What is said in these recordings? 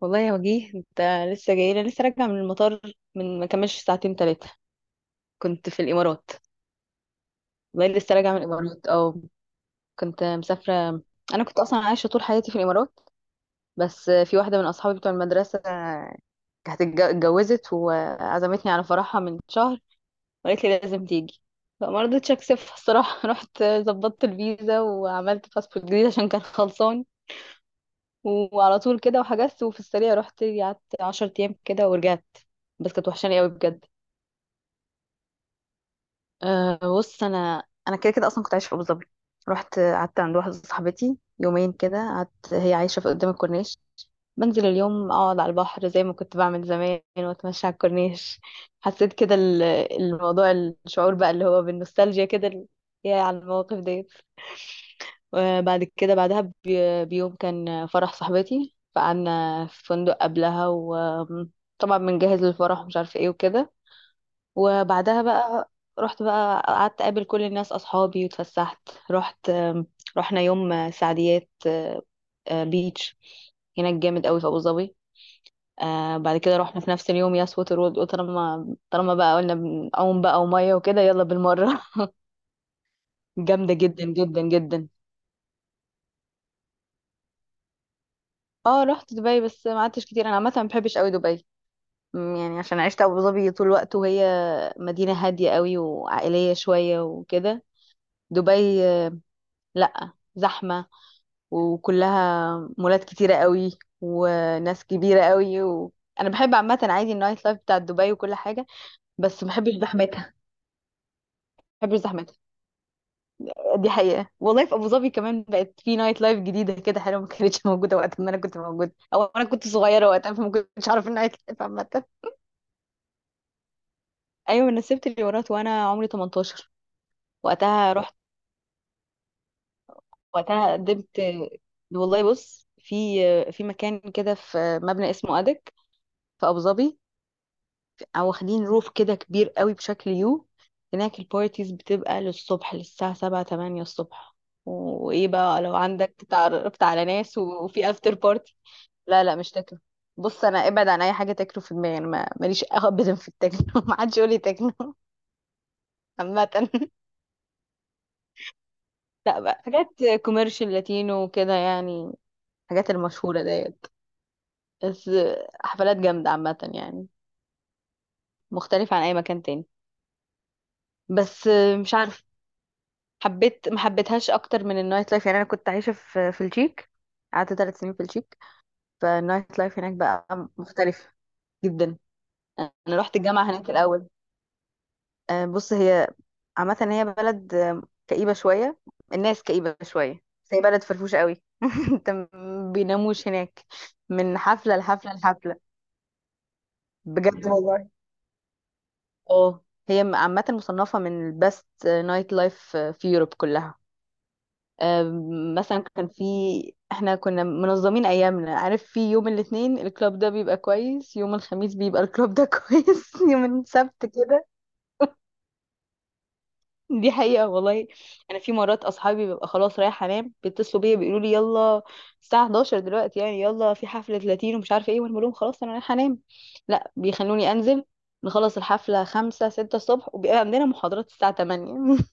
والله يا وجيه، انت لسه جاي لي. لسه راجعه من المطار، من ما كملش ساعتين ثلاثه. كنت في الامارات. والله لسه راجعه من الامارات، او كنت مسافره. انا كنت اصلا عايشه طول حياتي في الامارات، بس في واحده من اصحابي بتوع المدرسه كانت اتجوزت وعزمتني على فرحها من شهر، وقالت لي لازم تيجي، فما رضيتش اكسفها الصراحه. رحت ظبطت الفيزا وعملت باسبورت جديد عشان كان خلصان، وعلى طول كده وحجزت، وفي السريع رحت قعدت 10 ايام كده ورجعت. بس كانت وحشاني قوي بجد. أه بص، انا كده كده اصلا كنت عايشه في ابو ظبي. رحت قعدت عند واحده صاحبتي يومين كده، قعدت هي عايشه في قدام الكورنيش. بنزل اليوم اقعد على البحر زي ما كنت بعمل زمان، واتمشى على الكورنيش. حسيت كده الموضوع، الشعور بقى اللي هو بالنوستالجيا كده، يا على المواقف دي. وبعد كده، بعدها بيوم كان فرح صاحبتي، فقعدنا في فندق قبلها، وطبعا بنجهز للفرح ومش عارفه ايه وكده. وبعدها بقى رحت بقى قعدت اقابل كل الناس اصحابي واتفسحت. رحت رحنا يوم سعديات. بيتش هناك جامد قوي في ابو ظبي. بعد كده رحنا في نفس اليوم ياس ووتر وورلد. قلت طالما بقى، قلنا بنعوم بقى وميه وكده، يلا بالمره. جامده جدا جدا جدا. اه رحت دبي، بس ما قعدتش كتير. انا عامه ما بحبش قوي دبي. يعني عشان عشت ابو ظبي طول الوقت، وهي مدينه هاديه قوي وعائليه شويه وكده. دبي لا، زحمه، وكلها مولات كتيرة قوي، وناس كبيرة قوي و... انا بحب عامة عادي النايت لايف بتاع دبي وكل حاجة، بس ما بحبش زحمتها. ما بحبش زحمتها. دي حقيقة والله. في ابو ظبي كمان بقت في نايت لايف جديدة كده حلوة، ما كانتش موجودة وقت ما انا كنت موجودة، او انا كنت صغيرة وقتها فما كنتش اعرف النايت لايف عامة. ايوه، انا سبت الامارات وانا عمري 18. وقتها رحت، وقتها قدمت. والله بص، في في مكان كده، في مبنى اسمه ادك، في ابو ظبي، او واخدين روف كده كبير قوي بشكل يو. هناك البارتيز بتبقى للصبح، للساعة سبعة تمانية الصبح. وايه بقى، لو عندك اتعرفت على ناس، وفي افتر بارتي. لا لا، مش تكنو. بص انا ابعد عن اي حاجه تكنو، في دماغي انا ماليش ابدا في التكنو. ما حدش يقول لي تكنو. عامه. لا بقى، حاجات كوميرشال، لاتينو وكده يعني، الحاجات المشهوره ديت. بس حفلات جامده عامه يعني، مختلفه عن اي مكان تاني. بس مش عارفه، حبيت ما حبيتهاش اكتر من النايت لايف. يعني انا كنت عايشه في التشيك، قعدت 3 سنين في التشيك، فالنايت لايف هناك بقى مختلف جدا. انا رحت الجامعه هناك الاول. بص، هي عامه هي بلد كئيبه شويه، الناس كئيبه شويه. بس هي بلد فرفوشه قوي. انت ما بيناموش هناك، من حفله لحفله لحفله. بجد والله. اه، هي عامه مصنفه من البست نايت لايف في يوروب كلها. آم، مثلا كان في، احنا كنا منظمين ايامنا، عارف، في يوم الاثنين الكلاب ده بيبقى كويس، يوم الخميس بيبقى الكلاب ده كويس، يوم السبت كده. دي حقيقة والله. انا في مرات اصحابي ببقى خلاص رايحة انام، بيتصلوا بيا بيقولوا لي يلا، الساعة 11 دلوقتي يعني، يلا في حفلة لاتين ومش عارفة ايه، وانا بقول لهم خلاص انا رايحة انام. لا، بيخلوني انزل، نخلص الحفلة خمسة ستة الصبح، وبيبقى عندنا محاضرات الساعة تمانية.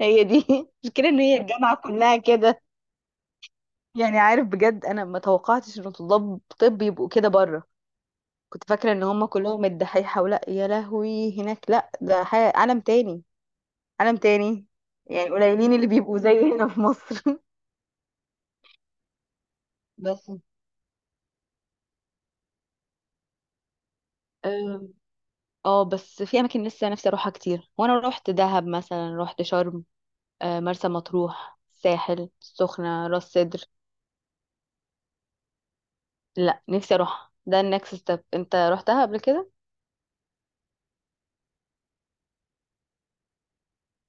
هي دي. المشكلة ان هي الجامعة كلها كده. يعني عارف بجد، انا ما توقعتش ان طلاب طب يبقوا كده بره. كنت فاكره ان هم كلهم الدحيحه، ولا يا لهوي، هناك لا ده حاجه عالم تاني، عالم تاني. يعني قليلين اللي بيبقوا زي هنا في مصر. بس آم، اه، بس في اماكن لسه نفسي اروحها كتير. وانا روحت دهب مثلا، روحت شرم، مرسى مطروح، ساحل السخنه، راس سدر. لا، نفسي اروح، ده النكست ستيب. انت روحتها قبل كده؟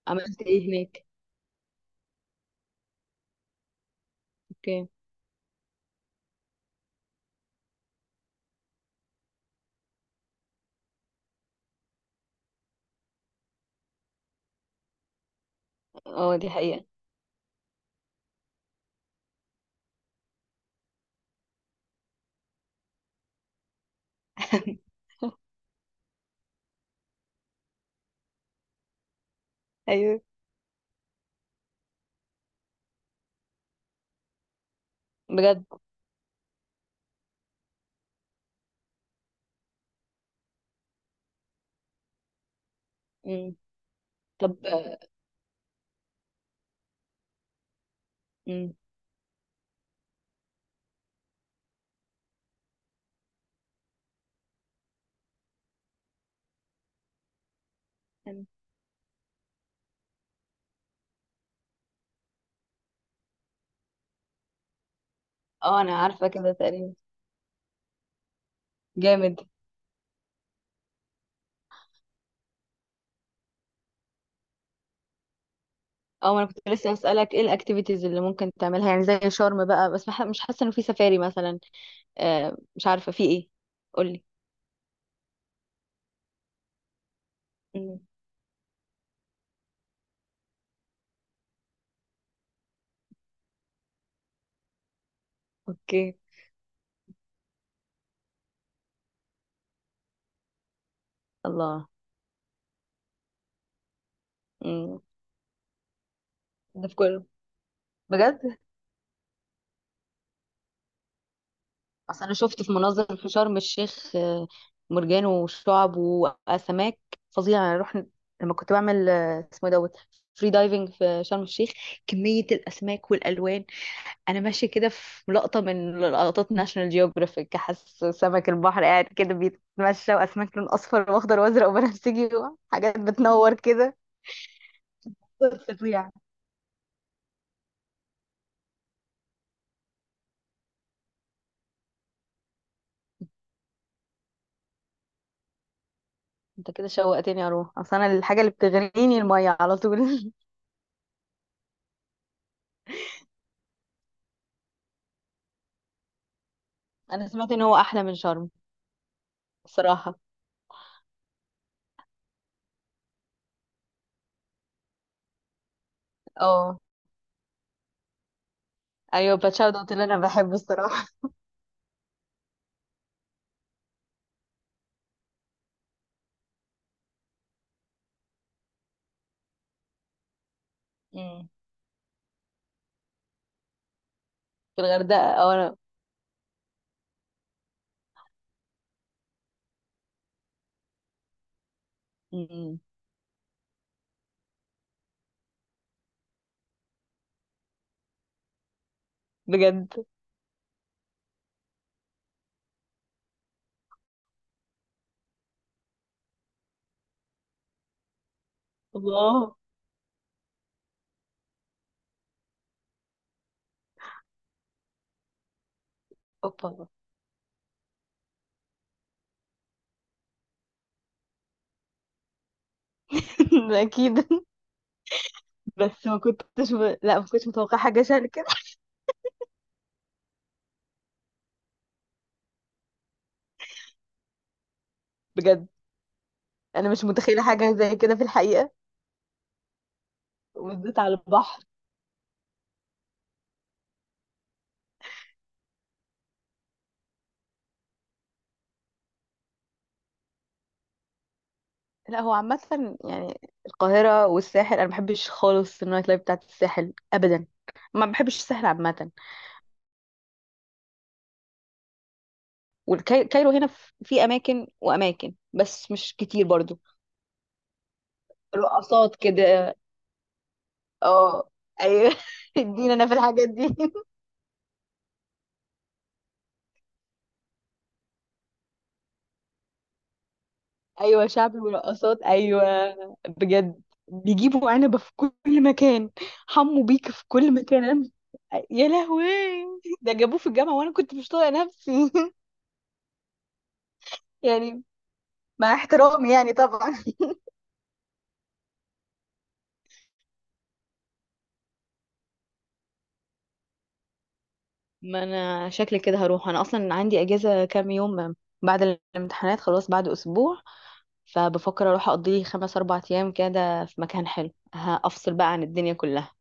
عملت ايه هناك؟ اوكي. اه دي حقيقه. ايوه. بجد. مم. طب مم. اه انا عارفه كده تقريبا. جامد. اه، ما انا كنت لسه هسألك ايه الاكتيفيتيز اللي ممكن تعملها، يعني زي شرم بقى، بس مش حاسه انه في سفاري مثلا. آه مش عارفه في ايه. قولي. مم. اوكي. الله. مم. ده في كله؟ بجد. اصل انا شفت في مناظر في شرم الشيخ مرجان وشعب واسماك فظيعه. انا رحنا لما كنت بعمل اسمه إيه دوت، فري دايفنج في شرم الشيخ، كميه الاسماك والالوان. انا ماشيه كده في لقطه من لقطات ناشونال جيوغرافيك، حاسه سمك البحر قاعد كده بيتمشى، واسماك لون اصفر واخضر وازرق وبنفسجي، حاجات بتنور كده. منظر فظيع. انت كده شوقتني اروح، اصل انا الحاجه اللي بتغريني الميه على طول. انا سمعت ان هو احلى من شرم. الصراحه اه. ايوه، باتشاو ده اللي انا بحبه الصراحه. امم. في الغردقه اه. انا، امم. بجد. الله. اوبا. اكيد. بس ما كنتش ب... لا، ما كنتش متوقعه حاجه شبه كده. بجد، انا مش متخيله حاجه زي كده في الحقيقه. وبالذات على البحر. لا هو عامه يعني، القاهره والساحل انا ما بحبش خالص النايت لايف بتاعت الساحل ابدا، ما بحبش الساحل عامه. والكايرو هنا في اماكن واماكن، بس مش كتير برضو. رقصات كده. اه. ايوه. ادينا انا في الحاجات دي. ايوه، شعبي ورقصات، ايوه. بجد. بيجيبوا عنبه في كل مكان، حمو بيك في كل مكان. يا لهوي، ده جابوه في الجامعه وانا كنت مش طايقه نفسي. يعني مع احترامي يعني طبعا. ما انا شكلي كده هروح، انا اصلا عندي اجازه كام يوم بعد الامتحانات. خلاص بعد اسبوع، فبفكر اروح اقضي لي خمس اربع ايام كده في مكان حلو، هفصل بقى عن الدنيا كلها.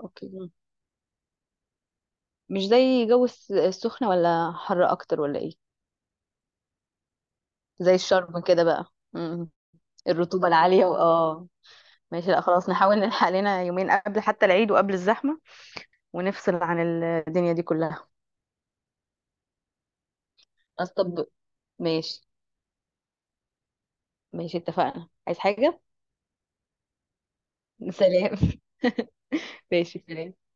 اوكي. مش زي جو السخنه؟ ولا حر اكتر، ولا ايه؟ زي الشرب كده بقى. مم. الرطوبة العالية، واه. ماشي، لا خلاص، نحاول نلحق لنا يومين قبل حتى العيد وقبل الزحمة، ونفصل عن الدنيا دي كلها. خلاص طب، ماشي. ماشي اتفقنا، عايز حاجة؟ سلام. ماشي، سلام.